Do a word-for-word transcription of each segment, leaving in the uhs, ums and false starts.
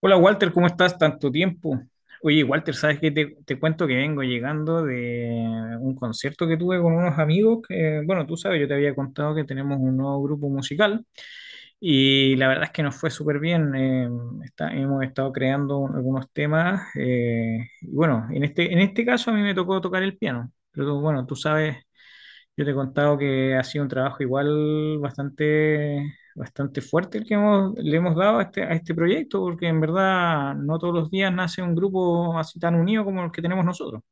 Hola Walter, ¿cómo estás? Tanto tiempo. Oye, Walter, ¿sabes qué? Te, te cuento que vengo llegando de un concierto que tuve con unos amigos que, bueno, tú sabes, yo te había contado que tenemos un nuevo grupo musical y la verdad es que nos fue súper bien. Eh, está- hemos estado creando un- algunos temas eh, y bueno, en este, en este caso a mí me tocó tocar el piano, pero tú- bueno, tú sabes yo te he contado que ha sido un trabajo igual bastante, bastante fuerte el que hemos, le hemos dado a este, a este proyecto, porque en verdad no todos los días nace un grupo así tan unido como el que tenemos nosotros.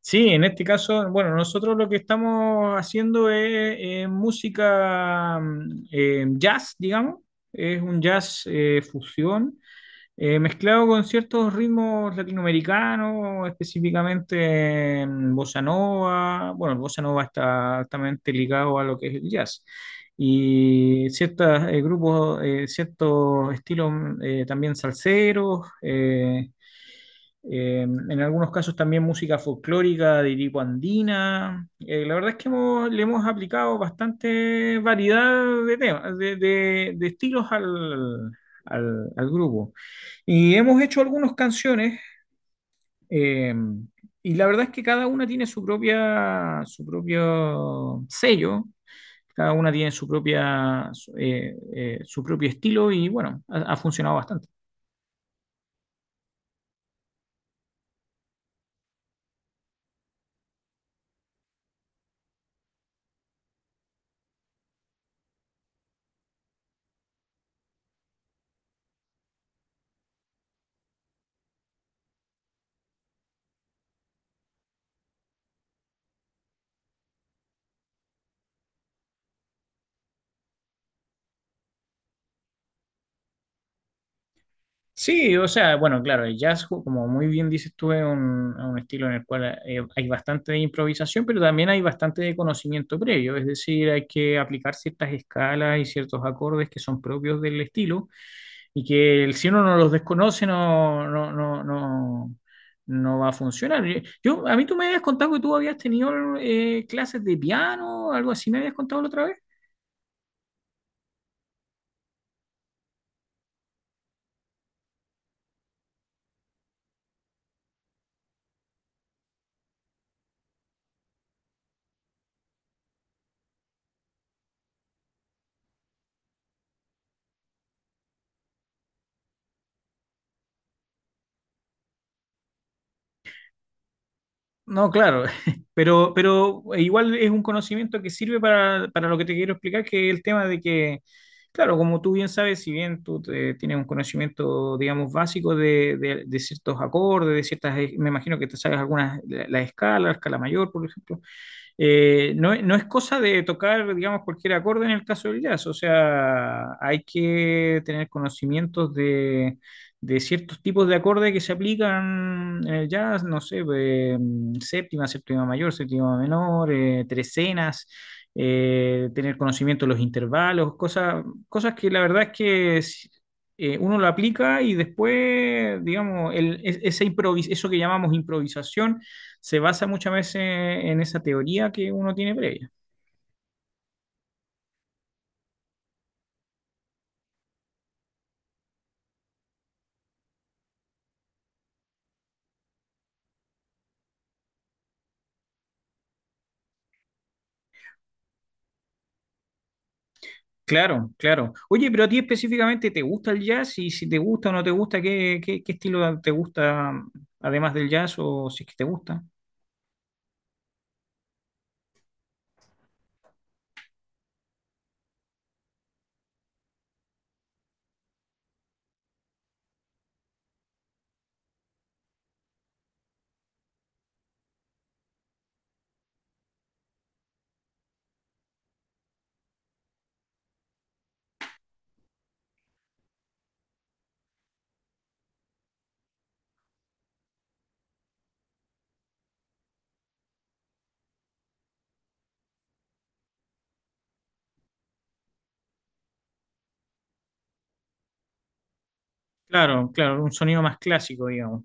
Sí, en este caso, bueno, nosotros lo que estamos haciendo es, eh, música mm, eh, jazz, digamos, es un jazz eh, fusión eh, mezclado con ciertos ritmos latinoamericanos, específicamente en bossa nova. Bueno, el bossa nova está altamente ligado a lo que es el jazz. Y ciertos grupos, eh, ciertos estilos eh, también salseros. Eh, eh, en algunos casos también música folclórica de tipo andina. Eh, la verdad es que hemos- le hemos aplicado bastante variedad de temas, de, de- de estilos al, al- al grupo. Y hemos hecho algunas canciones eh, y la verdad es que cada una tiene su propia, su propio sello. Cada una tiene su propia, su eh, eh, su propio estilo y bueno, ha ha funcionado bastante. Sí, o sea, bueno, claro, el jazz, ju- como muy bien dices tú, es un, un estilo en el cual eh, hay bastante de improvisación, pero también hay bastante de conocimiento previo, es decir, hay que aplicar ciertas escalas y ciertos acordes que son propios del estilo y que el- si uno no los desconoce no, no, no, no, no va a funcionar. Yo, a mí tú me habías contado que tú habías tenido eh, clases de piano, algo así, me habías contado la otra vez. No, claro, pero, pero e igual es un conocimiento que sirve para, para lo que te quiero explicar, que es el tema de que, claro, como tú bien sabes, si bien tú te- tienes un conocimiento, digamos, básico de, de- de ciertos acordes, de ciertas, eh, me imagino que te sabes algunas, la, la escala, la escala mayor, por ejemplo, eh, no, no es cosa de tocar, digamos, cualquier acorde en el caso del jazz, o sea, hay que tener conocimientos de, de ciertos tipos de acordes que se aplican en el jazz, no sé, eh, séptima, séptima mayor, séptima menor, eh, trecenas, eh, tener conocimiento de los intervalos, cosas, cosas que la verdad es que es- eh, uno lo aplica y después, digamos, el, es- esa improvis eso que llamamos improvisación se basa muchas veces en esa teoría que uno tiene previa. Claro, claro. Oye, pero a ti específicamente, ¿te gusta el jazz? Y si te gusta o no te gusta, ¿qué, qué, qué estilo te gusta además del jazz o si es que te gusta? Claro, claro, un sonido más clásico, digamos.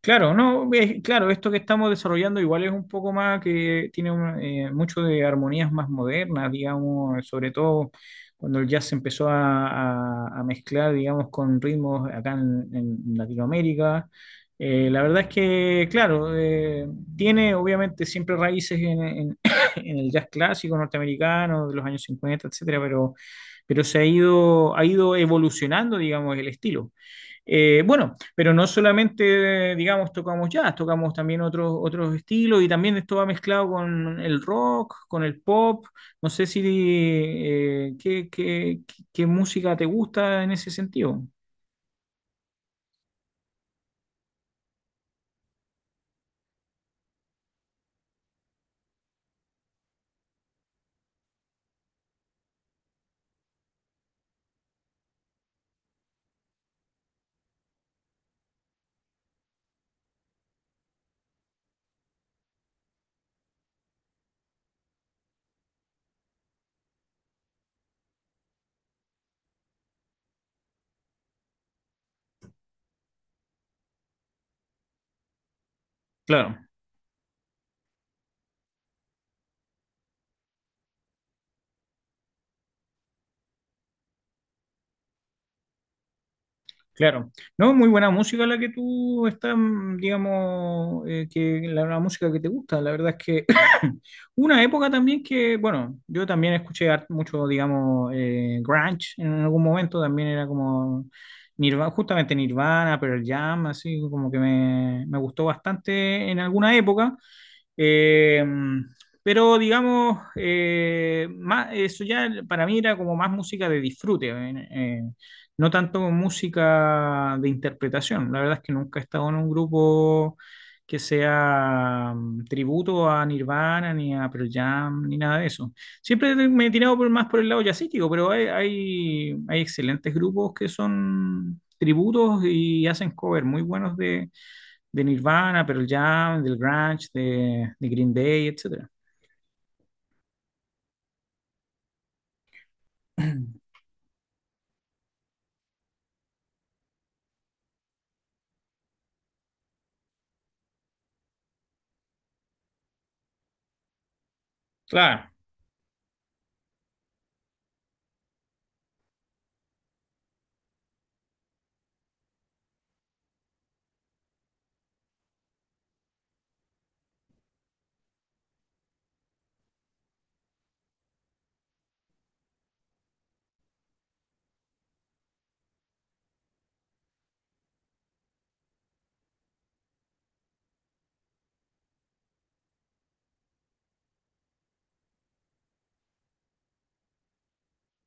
Claro, no, es- claro, esto que estamos desarrollando igual es un poco más que tiene un- eh, mucho de armonías más modernas, digamos, sobre todo cuando el jazz se empezó a, a- a mezclar, digamos, con ritmos acá en, en Latinoamérica. Eh, la verdad es que, claro, eh, tiene obviamente siempre raíces en, en- en el jazz clásico norteamericano de los años cincuenta, etcétera, pero, pero se ha ido, ha ido evolucionando, digamos, el estilo. Eh, bueno, pero no solamente, digamos, tocamos jazz, tocamos también otros otros estilos y también esto va mezclado con el rock, con el pop. No sé si eh, qué, qué- qué- qué música te gusta en ese sentido. Claro. Claro, no, muy buena música la que tú estás, mm, digamos, eh, que la, la música que te gusta. La verdad es que una época también que, bueno, yo también escuché har- mucho, digamos, eh, grunge en algún momento, también era como Nirvana, justamente Nirvana, Pearl Jam, así como que me, me gustó bastante en alguna época. Eh, pero digamos, eh, más, eso ya para mí era como más música de disfrute, eh, eh, no tanto música de interpretación. La verdad es que nunca he estado en un grupo que sea mm, tributo a Nirvana, ni a Pearl Jam, ni nada de eso. Siempre me he tirado por, más por el lado jazzístico, pero hay, hay, hay excelentes grupos que son tributos y hacen covers muy buenos de, de Nirvana, Pearl Jam, del Grunge, de, de Green Day, etcétera. Claro,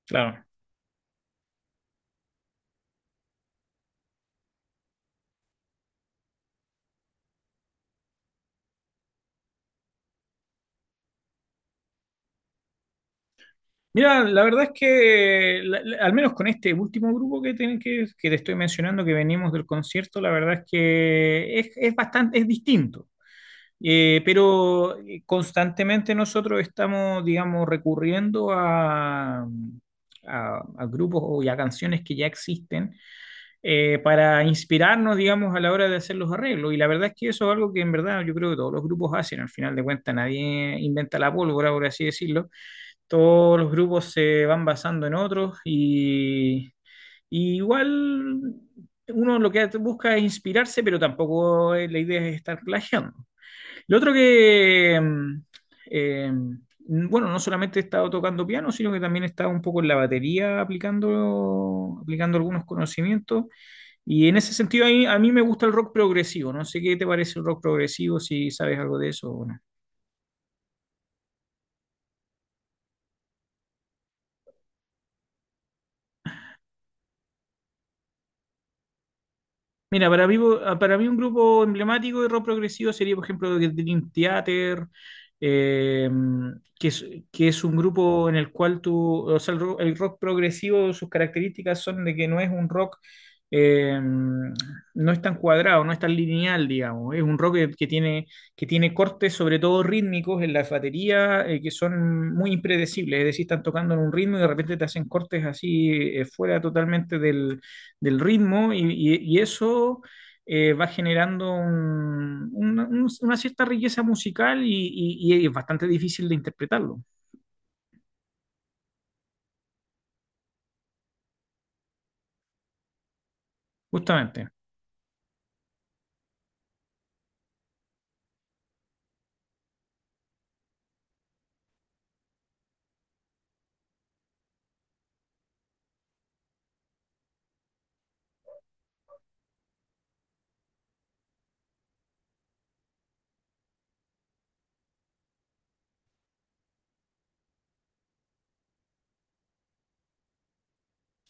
claro. Mira, la verdad es que, la- la- al menos con este último grupo que, te, que, que te estoy mencionando, que venimos del concierto, la verdad es que es, es bastante, es distinto. Eh, pero eh, constantemente nosotros estamos, digamos, recurriendo a, a- a grupos o y a canciones que ya existen eh, para inspirarnos, digamos, a la hora de hacer los arreglos. Y la verdad es que eso es algo que en verdad yo creo que todos los grupos hacen. Al final de cuentas, nadie inventa la pólvora, por así decirlo. Todos los grupos se van basando en otros y, y igual uno lo que busca es inspirarse, pero tampoco eh, la idea es estar plagiando. Lo otro que, mm, eh, mm, bueno, no solamente he estado tocando piano, sino que también he estado un poco en la batería aplicando, aplicando algunos conocimientos. Y en ese sentido, a mí, a mí me gusta el rock progresivo. No sé qué te parece el rock progresivo, si sabes algo de eso o no. Mira, para mí, para mí un grupo emblemático de rock progresivo sería, por ejemplo, The Dream Theater, eh, que es, que es un grupo en el cual tú, o sea, el rock, el rock progresivo, sus características son de que no es un rock, eh, no es tan cuadrado, no es tan lineal, digamos, es un rock que, que tiene, que tiene cortes, sobre todo rítmicos, en la batería, eh, que son muy impredecibles, es decir, están tocando en un ritmo y de repente te hacen cortes así, eh, fuera totalmente del del ritmo y, y- y eso eh, va generando un- una, un- una cierta riqueza musical y, y- y es bastante difícil de interpretarlo, justamente.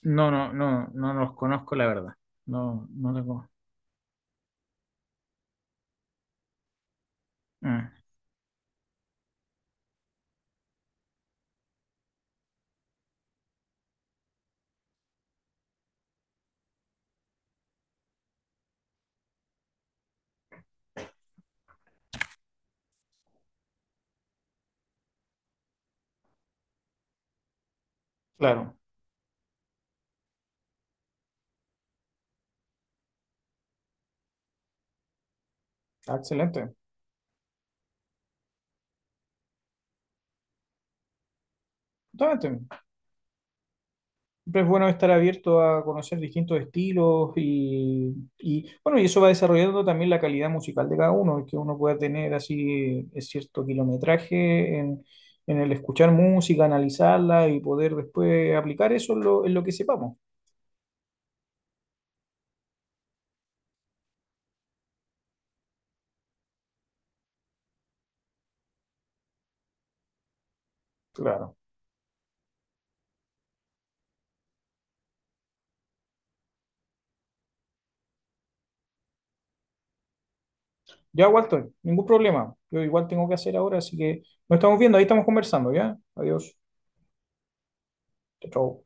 No, no, no, no los conozco, la verdad. No, no tengo. Ah, claro. Ah, excelente. Justamente. Siempre es bueno estar abierto a conocer distintos estilos y, y, bueno, y eso va desarrollando también la calidad musical de cada uno, que uno pueda tener así eh, cierto kilometraje en, en el escuchar música, analizarla y poder después aplicar eso en lo, en lo que sepamos. Claro. Ya, Walter, ningún problema. Yo igual tengo que hacer ahora, así que nos estamos viendo, ahí estamos conversando, ¿ya? Adiós. Chao. Chao.